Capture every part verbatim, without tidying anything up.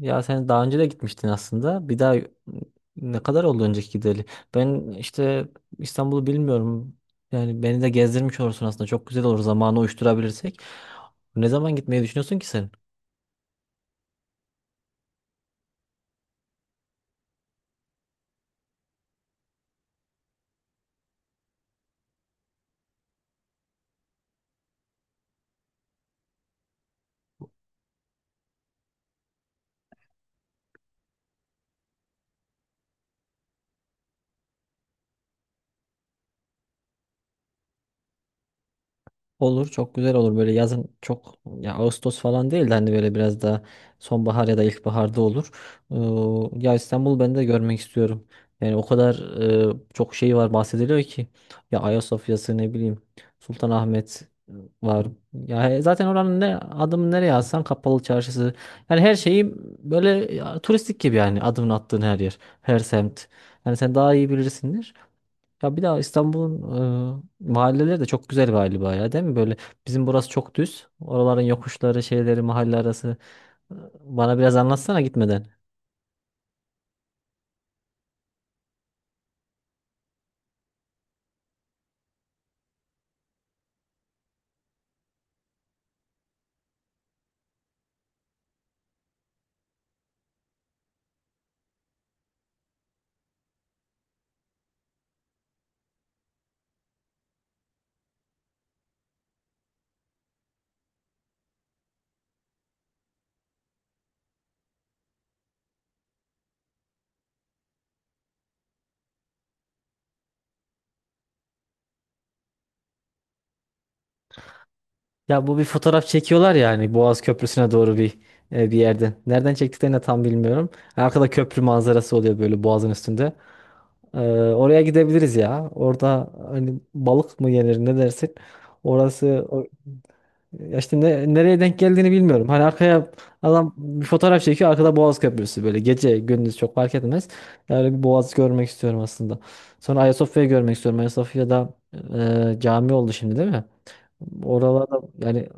Ya sen daha önce de gitmiştin aslında. Bir daha ne kadar oldu önceki gideli? Ben işte İstanbul'u bilmiyorum. Yani beni de gezdirmiş olursun aslında. Çok güzel olur zamanı uyuşturabilirsek. Ne zaman gitmeyi düşünüyorsun ki sen? Olur, çok güzel olur böyle yazın, çok ya Ağustos falan değil de hani böyle biraz daha sonbahar ya da ilkbaharda olur. Ee, ya İstanbul ben de görmek istiyorum. Yani o kadar e, çok şey var bahsediliyor ki, ya Ayasofya'sı, ne bileyim Sultanahmet e, var. Ya he- zaten oranın, ne adımı nereye atsan, kapalı çarşısı. Yani her şeyi böyle ya, turistik gibi, yani adımını attığın her yer, her semt. Yani sen daha iyi bilirsindir. Ya bir daha İstanbul'un e, mahalleleri de çok güzel galiba ya, değil mi? Böyle bizim burası çok düz. Oraların yokuşları, şeyleri, mahalle arası. E, Bana biraz anlatsana gitmeden. Ya bu bir fotoğraf çekiyorlar yani Boğaz Köprüsü'ne doğru bir e, bir yerde. Nereden çektiklerini de tam bilmiyorum. Arkada köprü manzarası oluyor böyle Boğaz'ın üstünde. E, oraya gidebiliriz ya. Orada hani balık mı yenir, ne dersin? Orası. Ya işte ne- nereye denk geldiğini bilmiyorum. Hani arkaya adam bir fotoğraf çekiyor, arkada Boğaz Köprüsü, böyle gece gündüz çok fark etmez. Öyle bir Boğaz görmek istiyorum aslında. Sonra Ayasofya'yı görmek istiyorum. Ayasofya'da e, cami oldu şimdi, değil mi? Oralarda yani.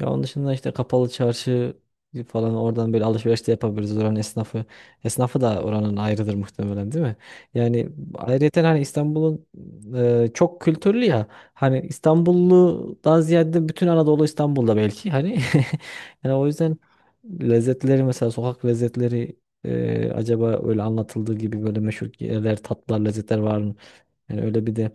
Ya onun dışında işte kapalı çarşı falan, oradan böyle alışveriş de yapabiliriz, oranın esnafı. Esnafı da oranın ayrıdır muhtemelen, değil mi? Yani ayrıyeten hani İstanbul'un e, çok kültürlü ya. Hani İstanbullu daha ziyade, bütün Anadolu İstanbul'da belki hani. Yani o yüzden lezzetleri, mesela sokak lezzetleri, e, acaba öyle anlatıldığı gibi böyle meşhur yerler, tatlar, lezzetler var mı? Yani öyle bir de,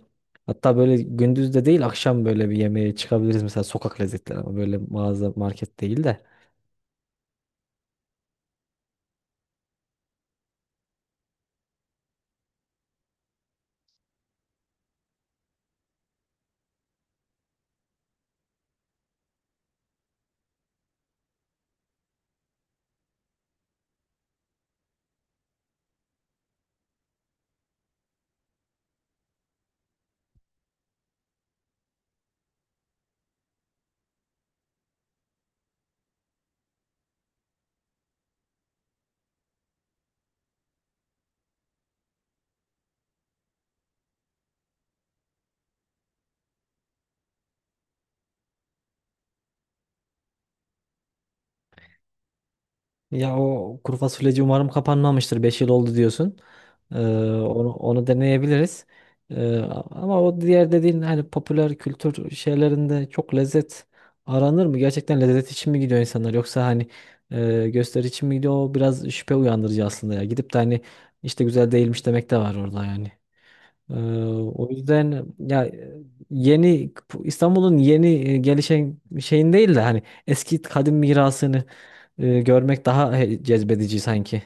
hatta böyle gündüz de değil, akşam böyle bir yemeğe çıkabiliriz, mesela sokak lezzetleri, ama böyle mağaza market değil de. Ya o kuru fasulyeci umarım kapanmamıştır. Beş yıl oldu diyorsun. Ee, onu, onu deneyebiliriz. Ee, ama o diğer dediğin, hani popüler kültür şeylerinde çok lezzet aranır mı? Gerçekten lezzet için mi gidiyor insanlar, yoksa hani e, gösteri için mi gidiyor? O biraz şüphe uyandırıcı aslında ya. Gidip de hani işte güzel değilmiş demek de var orada yani. Ee, o yüzden ya, e, yeni İstanbul'un yeni e, gelişen şeyin değil de hani eski kadim mirasını e, görmek daha he- cezbedici sanki.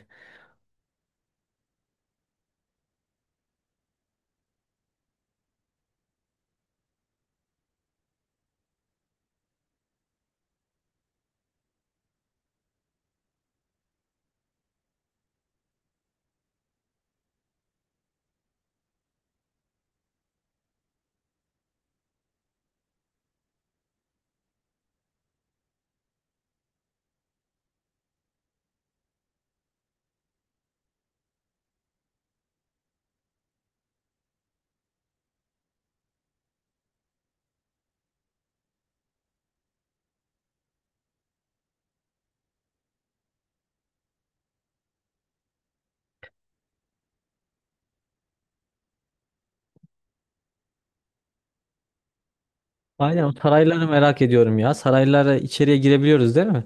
Aynen, o sarayları merak ediyorum ya. Saraylara içeriye girebiliyoruz değil mi?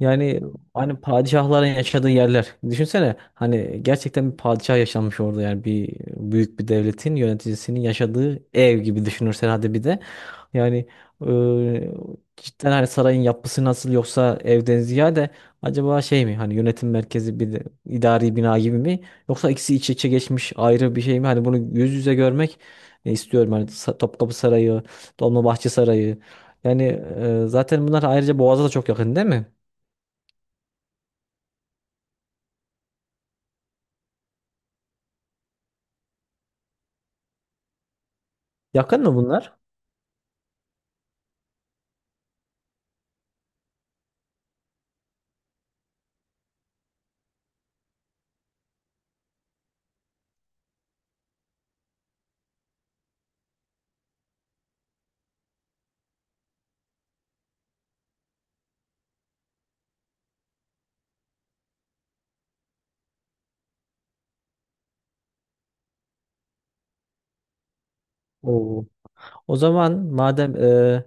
Yani hani padişahların yaşadığı yerler. Düşünsene hani, gerçekten bir padişah yaşanmış orada, yani bir büyük bir devletin yöneticisinin yaşadığı ev gibi düşünürsen hadi bir de. Yani e, cidden hani sarayın yapısı nasıl, yoksa evden ziyade acaba şey mi, hani yönetim merkezi bir de idari bina gibi mi, yoksa ikisi iç içe geçmiş ayrı bir şey mi? Hani bunu yüz yüze görmek e, istiyorum hani, Sa- Topkapı Sarayı, Dolmabahçe Sarayı. Yani e, zaten bunlar ayrıca Boğaz'a da çok yakın değil mi? Yakın mı bunlar? Oo. O zaman madem, e,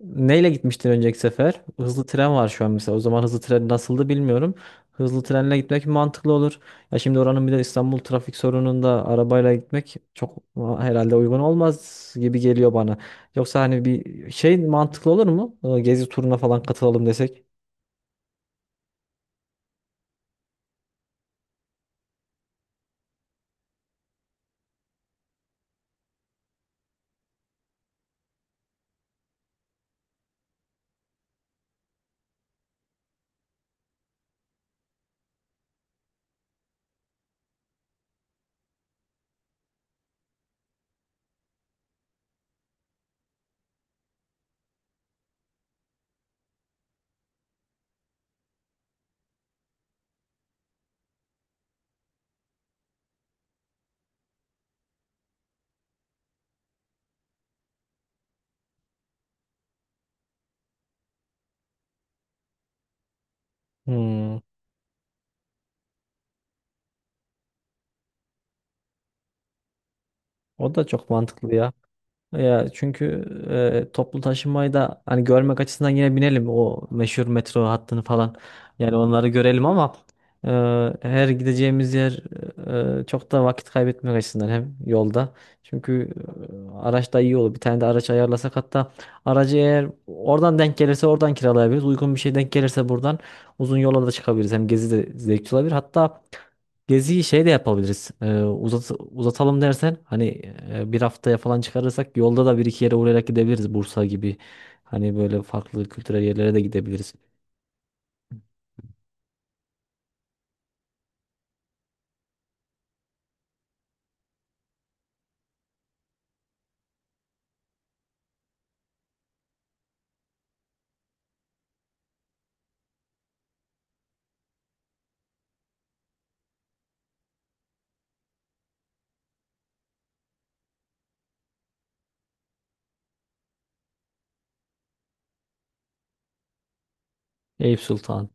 neyle gitmiştin önceki sefer? Hızlı tren var şu an mesela. O zaman hızlı tren nasıldı bilmiyorum. Hızlı trenle gitmek mantıklı olur. Ya şimdi oranın bir de İstanbul trafik sorununda arabayla gitmek çok e, herhalde uygun olmaz gibi geliyor bana. Yoksa hani bir şey mantıklı olur mu? E, Gezi turuna falan katılalım desek. Hmm, o da çok mantıklı ya. Ya çünkü e, toplu taşımayı da hani görmek açısından yine binelim o meşhur metro hattını falan. Yani onları görelim, ama e, her gideceğimiz yer, e, çok da vakit kaybetmek açısından hem yolda. Çünkü e, araç da iyi olur. Bir tane de araç ayarlasak, hatta aracı eğer oradan denk gelirse oradan kiralayabiliriz. Uygun bir şey denk gelirse buradan uzun yola da çıkabiliriz. Hem gezi de zevkli olabilir. Hatta geziyi şey de yapabiliriz. Ee, uzat, uzatalım dersen hani, e, bir haftaya falan çıkarırsak yolda da bir iki yere uğrayarak gidebiliriz. Bursa gibi, hani böyle farklı kültürel yerlere de gidebiliriz. Eyüp Sultan.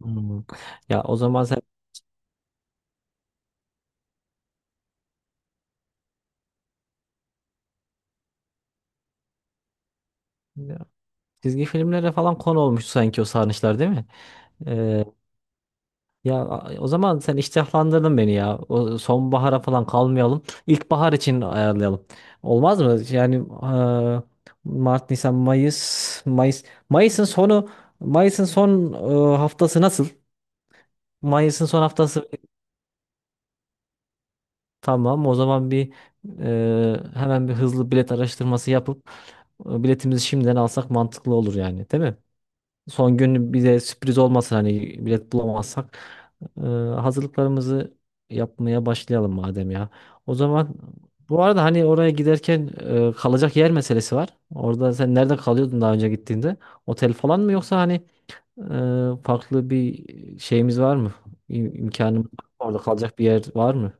Hmm. Ya o zaman sen, ya, çizgi filmlere falan konu olmuş sanki o sarnıçlar değil mi? Ee, Ya a- o zaman sen iştahlandırdın beni ya. O sonbahara falan kalmayalım. İlkbahar için ayarlayalım. Olmaz mı? Yani eee, Mart, Nisan, Mayıs, Mayıs. Mayıs'ın sonu Mayıs'ın son eee, haftası nasıl? Mayıs'ın son haftası. Tamam. O zaman bir, eee, hemen bir hızlı bilet araştırması yapıp e, biletimizi şimdiden alsak mantıklı olur yani, değil mi? Son gün bize sürpriz olmasın hani, bilet bulamazsak. Ee, hazırlıklarımızı yapmaya başlayalım madem ya. O zaman bu arada hani oraya giderken e, kalacak yer meselesi var. Orada sen nerede kalıyordun daha önce gittiğinde? Otel falan mı, yoksa hani e, farklı bir şeyimiz var mı? İm- İmkanımız var mı? Orada kalacak bir yer var mı?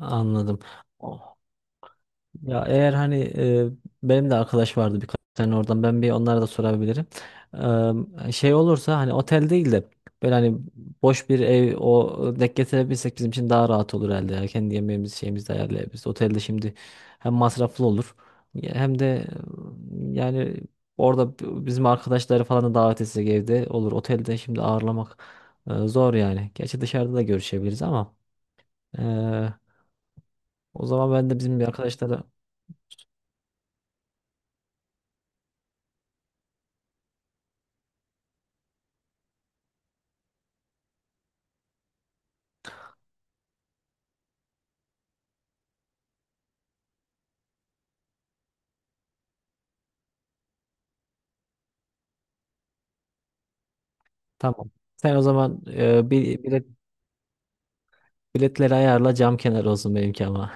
Anladım. Ya eğer hani, e, benim de arkadaş vardı birkaç tane oradan, ben bir onlara da sorabilirim. Eee, şey olursa, hani otel değil de böyle hani boş bir ev o denk getirebilsek bizim için daha rahat olur herhalde. Ya. Kendi yemeğimizi, şeyimizi de ayarlayabiliriz. Otelde şimdi hem masraflı olur, hem de e, yani orada b- bizim arkadaşları falan da davet etsek evde olur. Otelde şimdi ağırlamak e, zor yani. Gerçi dışarıda da görüşebiliriz ama e, o zaman ben de bizim bir arkadaşlara. Tamam. Sen o zaman e, bir bilet, biletleri ayarla, cam kenarı olsun benimki ama.